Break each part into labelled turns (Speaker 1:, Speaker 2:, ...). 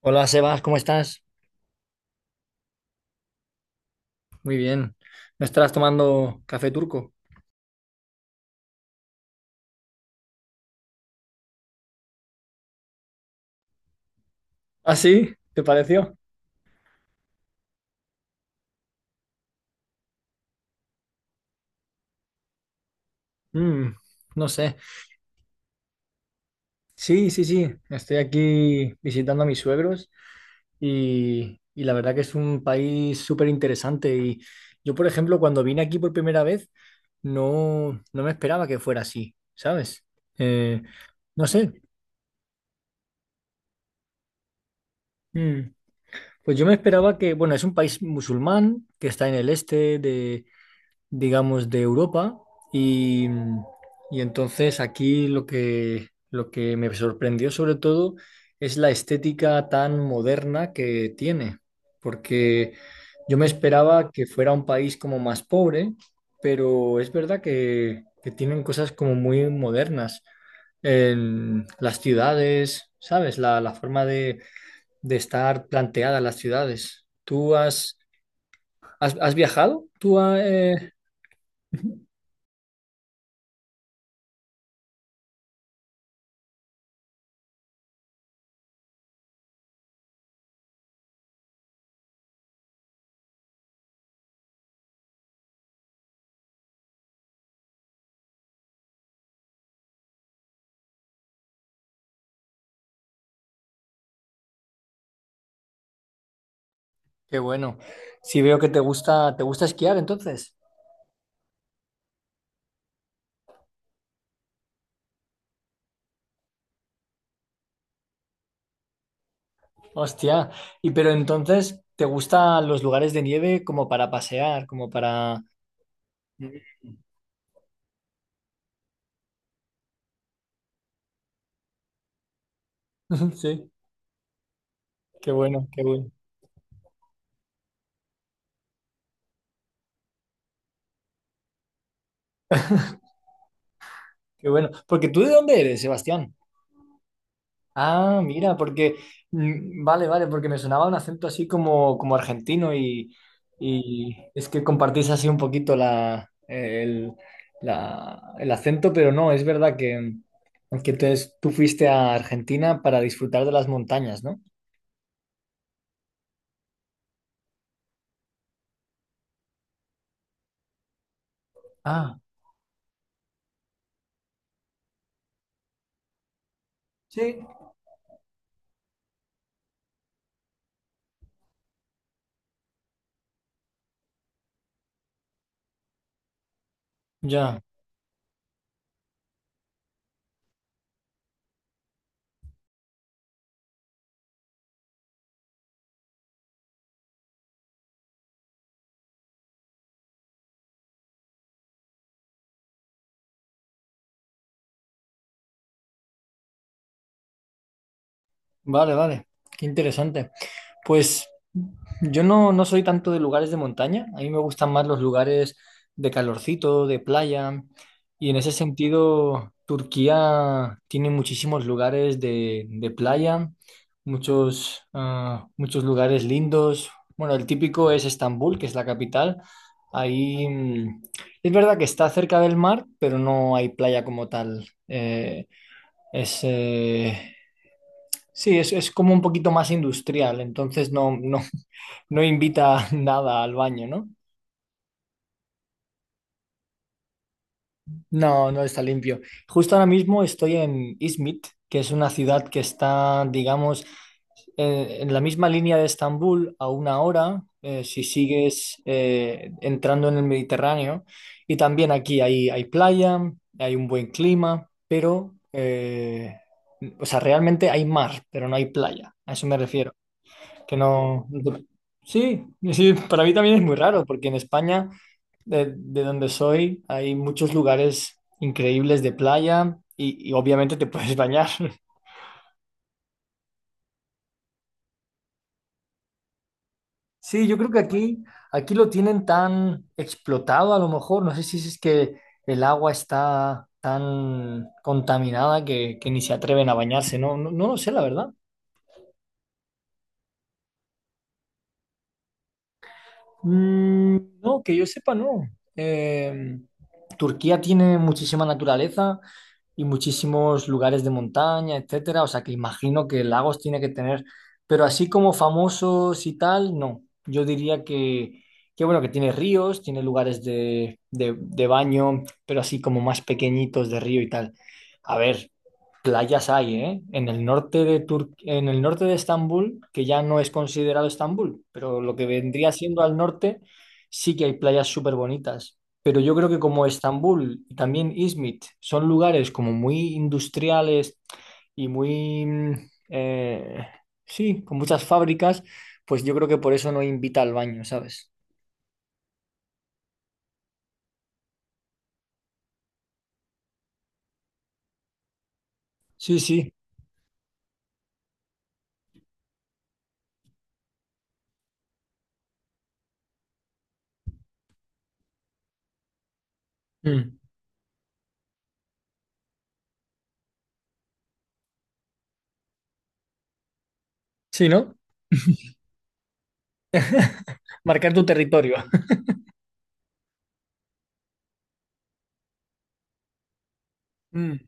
Speaker 1: Hola Sebas, ¿cómo estás? Muy bien. ¿No estarás tomando café turco? ¿Ah, sí? ¿Te pareció? Mm, no sé. Sí, sí, sí. Estoy aquí visitando a mis suegros y la verdad que es un país súper interesante. Y yo, por ejemplo, cuando vine aquí por primera vez, no me esperaba que fuera así, ¿sabes? Eh, no sé. Mm, pues yo me esperaba que, bueno, es un país musulmán que está en el este, digamos, de Europa, y, y entonces aquí lo que me sorprendió sobre todo es la estética tan moderna que tiene, porque yo me esperaba que fuera un país como más pobre, pero es verdad que tienen cosas como muy modernas en las ciudades, ¿sabes? La forma de estar planteadas las ciudades. ¿Tú has, has, has viajado? ¿Tú, Qué bueno. Si veo que te gusta esquiar entonces. Hostia. Y pero entonces, ¿te gustan los lugares de nieve como para pasear, como para... Sí, qué bueno, qué bueno, qué bueno. ¿Porque tú de dónde eres, Sebastián? Ah, mira, porque, vale, vale, porque me sonaba un acento así como, como argentino y es que compartís así un poquito la- el acento, pero no, es verdad que entonces tú fuiste a Argentina para disfrutar de las montañas, ¿no? Ah, sí, ya, vale, vale, qué interesante. Pues yo no, no soy tanto de lugares de montaña, a mí me gustan más los lugares de calorcito, de playa, y en ese sentido Turquía tiene muchísimos lugares de playa, muchos, ah, muchos lugares lindos. Bueno, el típico es Estambul, que es la capital. Ahí es verdad que está cerca del mar, pero no hay playa como tal. Es, eh, Sí, es como un poquito más industrial, entonces no, no, no invita nada al baño, ¿no? No, no está limpio. Justo ahora mismo estoy en Izmit, que es una ciudad que está, digamos, en la misma línea de Estambul a una hora, si sigues entrando en el Mediterráneo. Y también aquí hay, hay playa, hay un buen clima, pero, o sea, realmente hay mar, pero no hay playa. A eso me refiero. Que no. no te- Sí, sí, para mí también es muy raro, porque en España, de donde soy, hay muchos lugares increíbles de playa y obviamente te puedes bañar. Sí, yo creo que aquí, aquí lo tienen tan explotado a lo mejor. No sé si es que el agua está tan contaminada que ni se atreven a bañarse. No, no, no lo sé, la verdad. Mm, no, que yo sepa, no. Eh, Turquía tiene muchísima naturaleza y muchísimos lugares de montaña, etcétera. O sea que imagino que lagos tiene que tener, pero así como famosos y tal, no. Yo diría que bueno, que tiene ríos, tiene lugares de baño, pero así como más pequeñitos de río y tal. A ver, playas hay, ¿eh? En el norte de Tur- en el norte de Estambul, que ya no es considerado Estambul, pero lo que vendría siendo al norte, sí que hay playas súper bonitas. Pero yo creo que como Estambul y también Izmit son lugares como muy industriales y muy, sí, con muchas fábricas, pues yo creo que por eso no invita al baño, ¿sabes? Sí, sí. Mm. Sí, ¿no? Marcar tu territorio. Mm,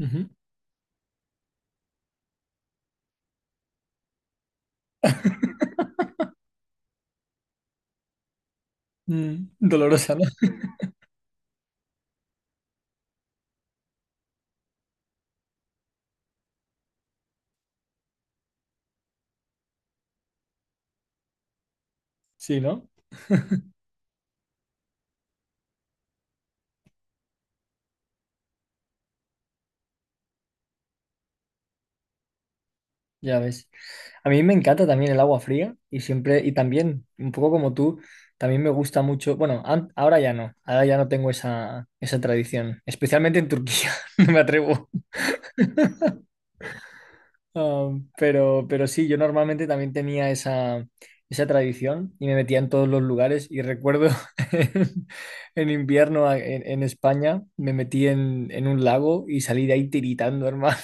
Speaker 1: ujú. Mm, dolorosa, ¿no? Sí, ¿no? Ya ves. A mí me encanta también el agua fría y siempre, y también, un poco como tú, también me gusta mucho, bueno, an- ahora ya no tengo esa, esa tradición, especialmente en Turquía, no me atrevo. Pero sí, yo normalmente también tenía esa, esa tradición y me metía en todos los lugares y recuerdo en, invierno a- en España me metí en un lago y salí de ahí tiritando, hermano.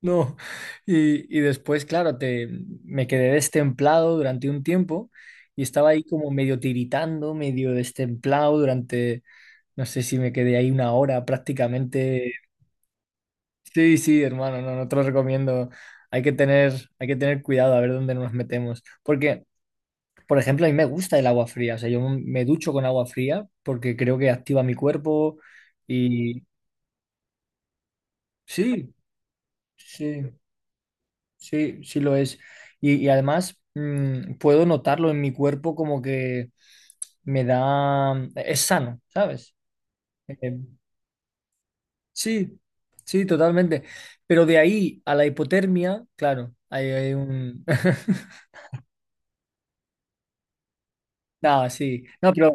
Speaker 1: No, y después, claro, te, me quedé destemplado durante un tiempo y estaba ahí como medio tiritando, medio destemplado durante, no sé si me quedé ahí una hora prácticamente. Sí, sí, hermano, no, no te lo recomiendo. Hay que tener, hay que tener cuidado a ver dónde nos metemos. Porque, por ejemplo, a mí me gusta el agua fría, o sea, yo me ducho con agua fría porque creo que activa mi cuerpo y sí, sí. Sí, sí lo es. Y además puedo notarlo en mi cuerpo como que me da... Es sano, ¿sabes? Eh, sí, sí, totalmente. Pero de ahí a la hipotermia, claro, hay un... No, sí. No, pero...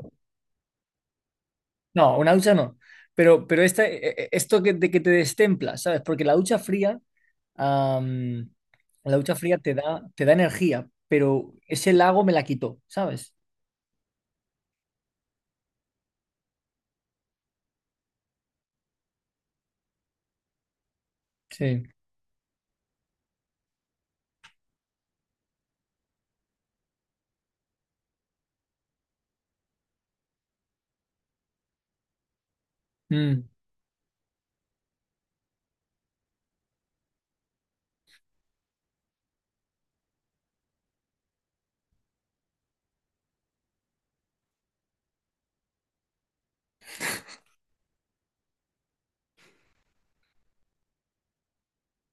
Speaker 1: No, una ducha no. Pero esta, e- e- esto que, de que te destempla, ¿sabes? Porque la ducha fría, am, la ducha fría te da energía, pero ese lago me la quitó, ¿sabes? Sí. Mm.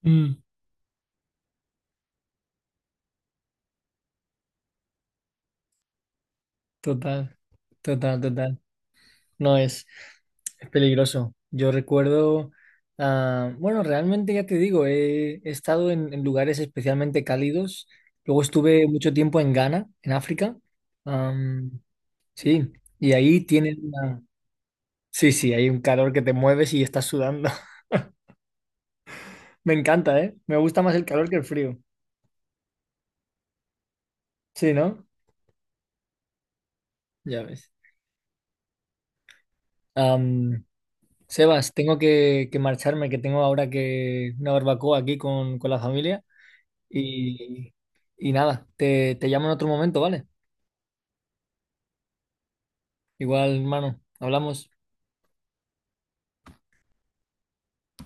Speaker 1: Mm. Total, total, total. No es, es peligroso. Yo recuerdo, ah, bueno, realmente ya te digo, he, he estado en lugares especialmente cálidos. Luego estuve mucho tiempo en Ghana, en África. Am, sí, y ahí tienen una... Sí, sí, hay un calor que te mueves y estás sudando. Me encanta, ¿eh? Me gusta más el calor que el frío. Sí, ¿no? Ya ves. Am, Sebas, tengo que marcharme, que tengo ahora que una barbacoa aquí con la familia. Y, y nada, te llamo en otro momento, ¿vale? Igual, hermano, hablamos.